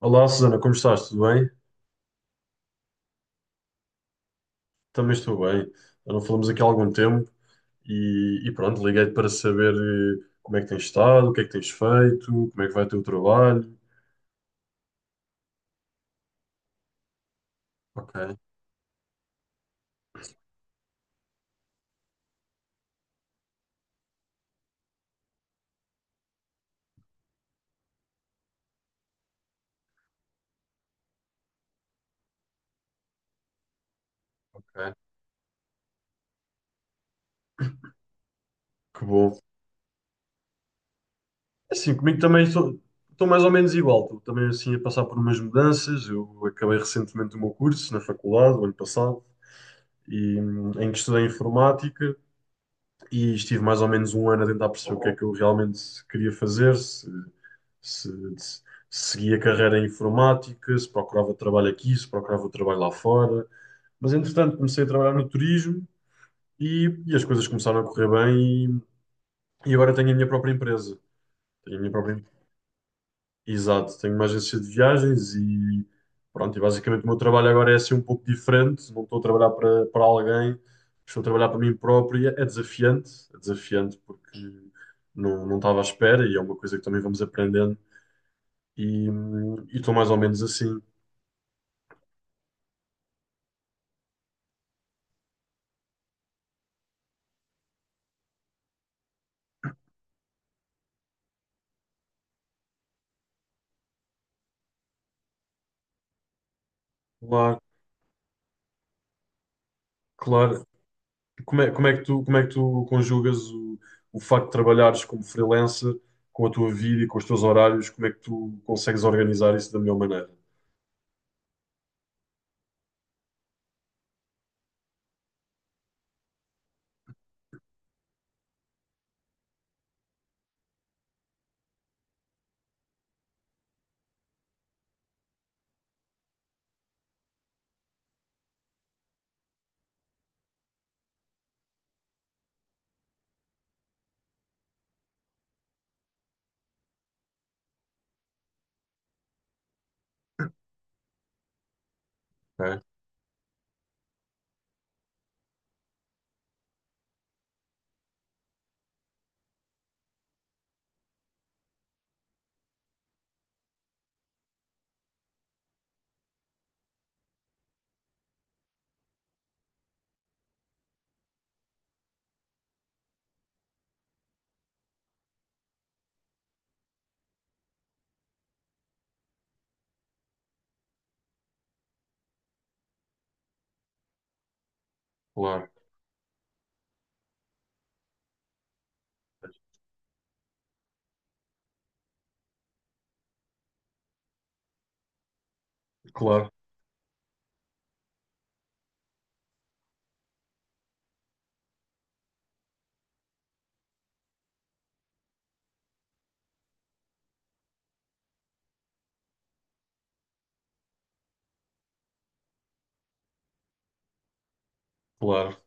Olá, Susana, como estás? Tudo bem? Também estou bem. Já não falamos aqui há algum tempo e pronto, liguei-te para saber como é que tens estado, o que é que tens feito, como é que vai o teu trabalho. Ok, ok, que bom. É assim, comigo também estou mais ou menos igual. Estou também assim a passar por umas mudanças. Eu acabei recentemente o meu curso na faculdade, o ano passado, e, em que estudei informática e estive mais ou menos um ano a tentar perceber o que é que eu realmente queria fazer, se, se seguia carreira em informática, se procurava trabalho aqui, se procurava trabalho lá fora. Mas, entretanto, comecei a trabalhar no turismo e as coisas começaram a correr bem e agora tenho a minha própria empresa. Tenho a minha própria... Exato, tenho uma agência de viagens e pronto, e basicamente o meu trabalho agora é assim um pouco diferente, não estou a trabalhar para alguém, estou a trabalhar para mim próprio, e é desafiante porque não estava à espera e é uma coisa que também vamos aprendendo e estou mais ou menos assim. Claro, claro. Como é que como é que tu conjugas o facto de trabalhares como freelancer com a tua vida e com os teus horários? Como é que tu consegues organizar isso da melhor maneira? Ok? Claro, claro, claro,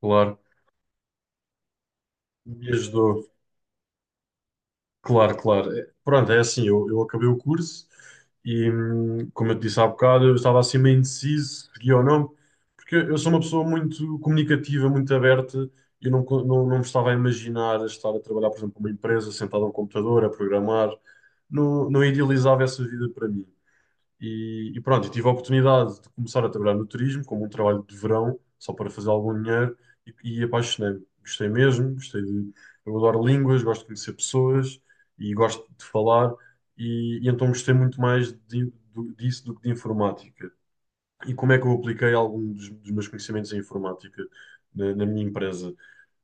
claro. Me ajudou. Claro, claro. É, pronto, é assim, eu acabei o curso e, como eu te disse há bocado, eu estava assim meio indeciso, seguia ou não, porque eu sou uma pessoa muito comunicativa, muito aberta, e eu não me estava a imaginar a estar a trabalhar, por exemplo, numa empresa, sentado a um computador, a programar, não idealizava essa vida para mim. E pronto, tive a oportunidade de começar a trabalhar no turismo, como um trabalho de verão, só para fazer algum dinheiro, e apaixonei-me. Gostei mesmo, gostei de. Eu adoro línguas, gosto de conhecer pessoas e gosto de falar, e então gostei muito mais disso do que de informática. E como é que eu apliquei algum dos meus conhecimentos em informática na minha empresa?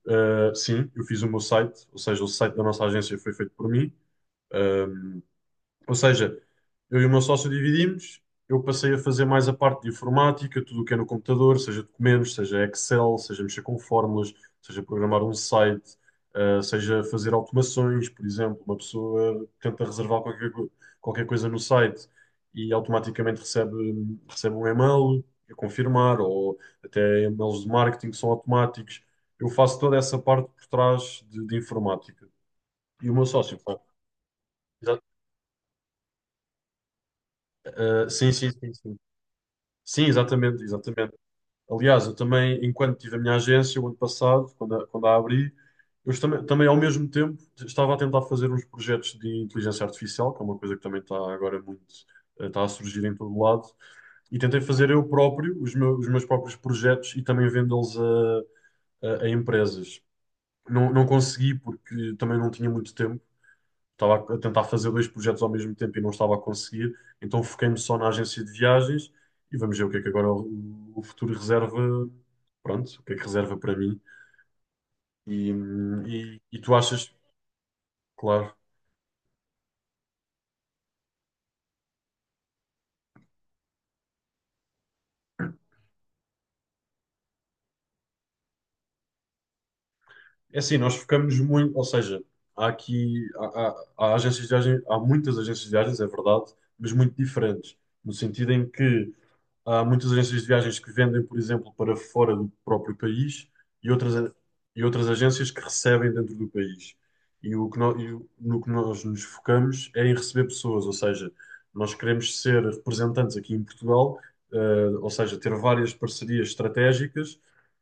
Ah, sim, eu fiz o meu site, ou seja, o site da nossa agência foi feito por mim. Ah, ou seja, eu e o meu sócio dividimos. Eu passei a fazer mais a parte de informática, tudo o que é no computador, seja documentos, seja Excel, seja mexer com fórmulas, seja programar um site, seja fazer automações, por exemplo. Uma pessoa tenta reservar qualquer coisa no site e automaticamente recebe um e-mail a confirmar, ou até e-mails de marketing que são automáticos. Eu faço toda essa parte por trás de informática. E o meu sócio, pá, exa- sim, sim, sim, sim. Sim, exatamente, exatamente. Aliás, eu também, enquanto tive a minha agência, o ano passado, quando a abri, eu também, também, ao mesmo tempo, estava a tentar fazer uns projetos de inteligência artificial, que é uma coisa que também está agora muito, está a surgir em todo lado, e tentei fazer eu próprio, os meus próprios projetos e também vendê-los a empresas. Não consegui porque também não tinha muito tempo, estava a tentar fazer dois projetos ao mesmo tempo e não estava a conseguir, então foquei-me só na agência de viagens e vamos ver o que é que agora o futuro reserva, pronto, o que é que reserva para mim. E, e tu achas, claro, é assim, nós focamos muito, ou seja, há agências de viagens, há muitas agências de viagens, é verdade, mas muito diferentes, no sentido em que há muitas agências de viagens que vendem, por exemplo, para fora do próprio país e e outras agências que recebem dentro do país. E, o que nó- e o- no que nós nos focamos é em receber pessoas, ou seja, nós queremos ser representantes aqui em Portugal, ou seja, ter várias parcerias estratégicas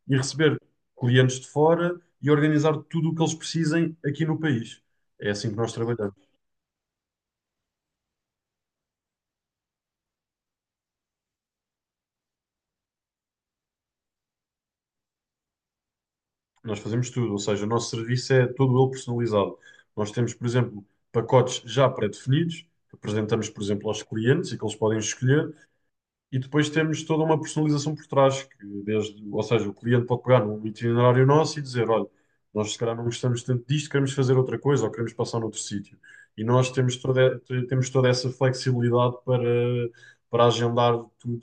e receber clientes de fora e organizar tudo o que eles precisem aqui no país. É assim que nós trabalhamos. Nós fazemos tudo, ou seja, o nosso serviço é todo ele personalizado. Nós temos, por exemplo, pacotes já pré-definidos, que apresentamos, por exemplo, aos clientes e que eles podem escolher, e depois temos toda uma personalização por trás, que desde, ou seja, o cliente pode pegar num itinerário nosso e dizer, olha, nós se calhar não gostamos tanto disto, queremos fazer outra coisa ou queremos passar noutro sítio. E nós temos toda essa flexibilidade para agendar tudo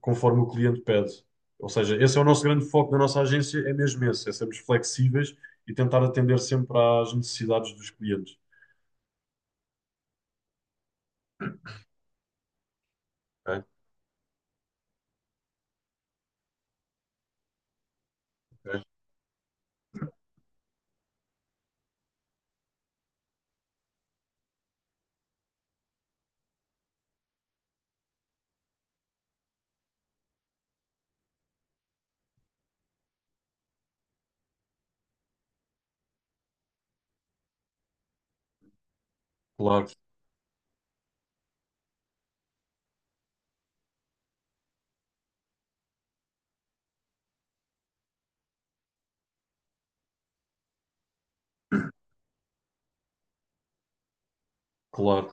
conforme o cliente pede. Ou seja, esse é o nosso grande foco da nossa agência, é mesmo esse, é sermos flexíveis e tentar atender sempre às necessidades dos clientes. Ok, ok, claro, claro.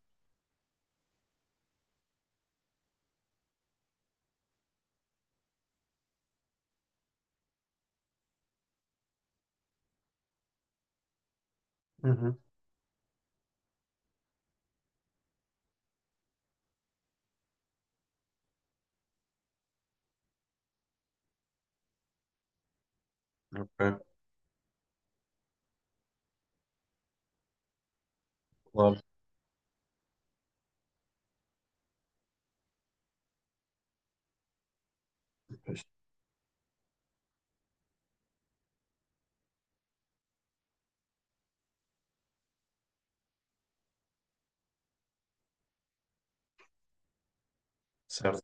Uhum, ok, claro, certo,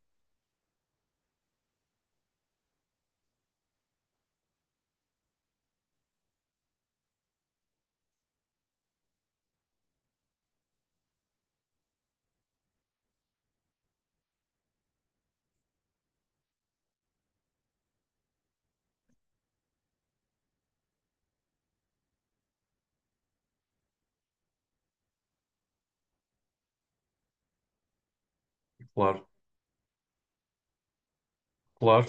claro, claro.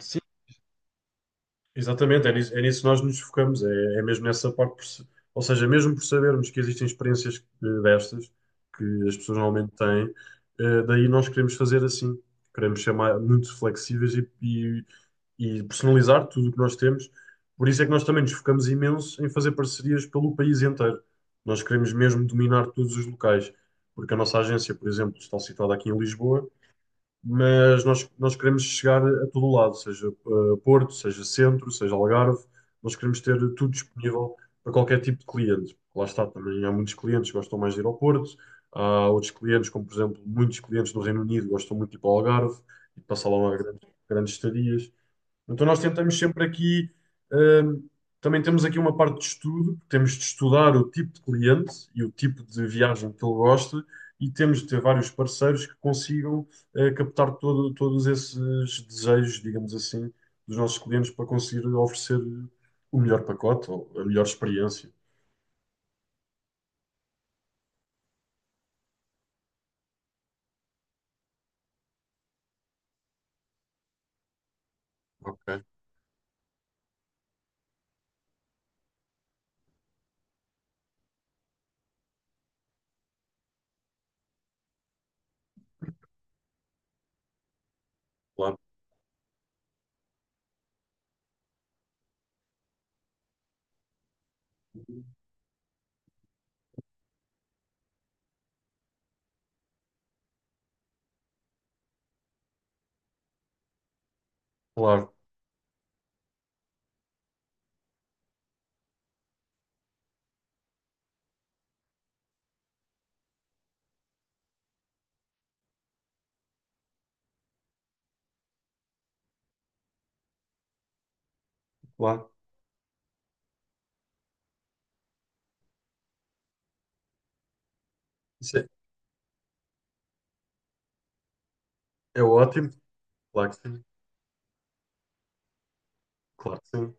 Sim, exatamente, é nisso que nós nos focamos, é mesmo nessa parte, por se- ou seja, mesmo por sabermos que existem experiências destas, que as pessoas normalmente têm, daí nós queremos fazer assim, queremos ser mais, muito flexíveis e personalizar tudo o que nós temos, por isso é que nós também nos focamos imenso em fazer parcerias pelo país inteiro, nós queremos mesmo dominar todos os locais, porque a nossa agência, por exemplo, está situada aqui em Lisboa, mas nós queremos chegar a todo o lado, seja Porto, seja Centro, seja Algarve, nós queremos ter tudo disponível para qualquer tipo de cliente. Lá está, também há muitos clientes que gostam mais de ir ao Porto, há outros clientes, como por exemplo, muitos clientes do Reino Unido gostam muito de ir para o Algarve e de passar lá uma grandes estadias. Então nós tentamos sempre aqui, hum, também temos aqui uma parte de estudo, temos de estudar o tipo de cliente e o tipo de viagem que ele gosta e temos de ter vários parceiros que consigam captar todos esses desejos, digamos assim, dos nossos clientes para conseguir oferecer o melhor pacote ou a melhor experiência. Ok. Claro, claro, claro. Isso é, é ótimo, claro que sim, claro que sim,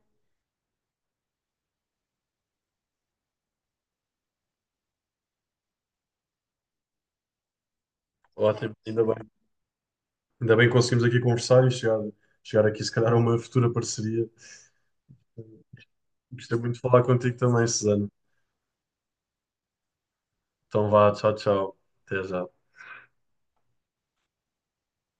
ótimo, ainda bem. Ainda bem que conseguimos aqui conversar e chegar aqui, se calhar, a uma futura parceria. Gostei muito de falar contigo também, Susana. Então vá, tchau, tchau. Até já.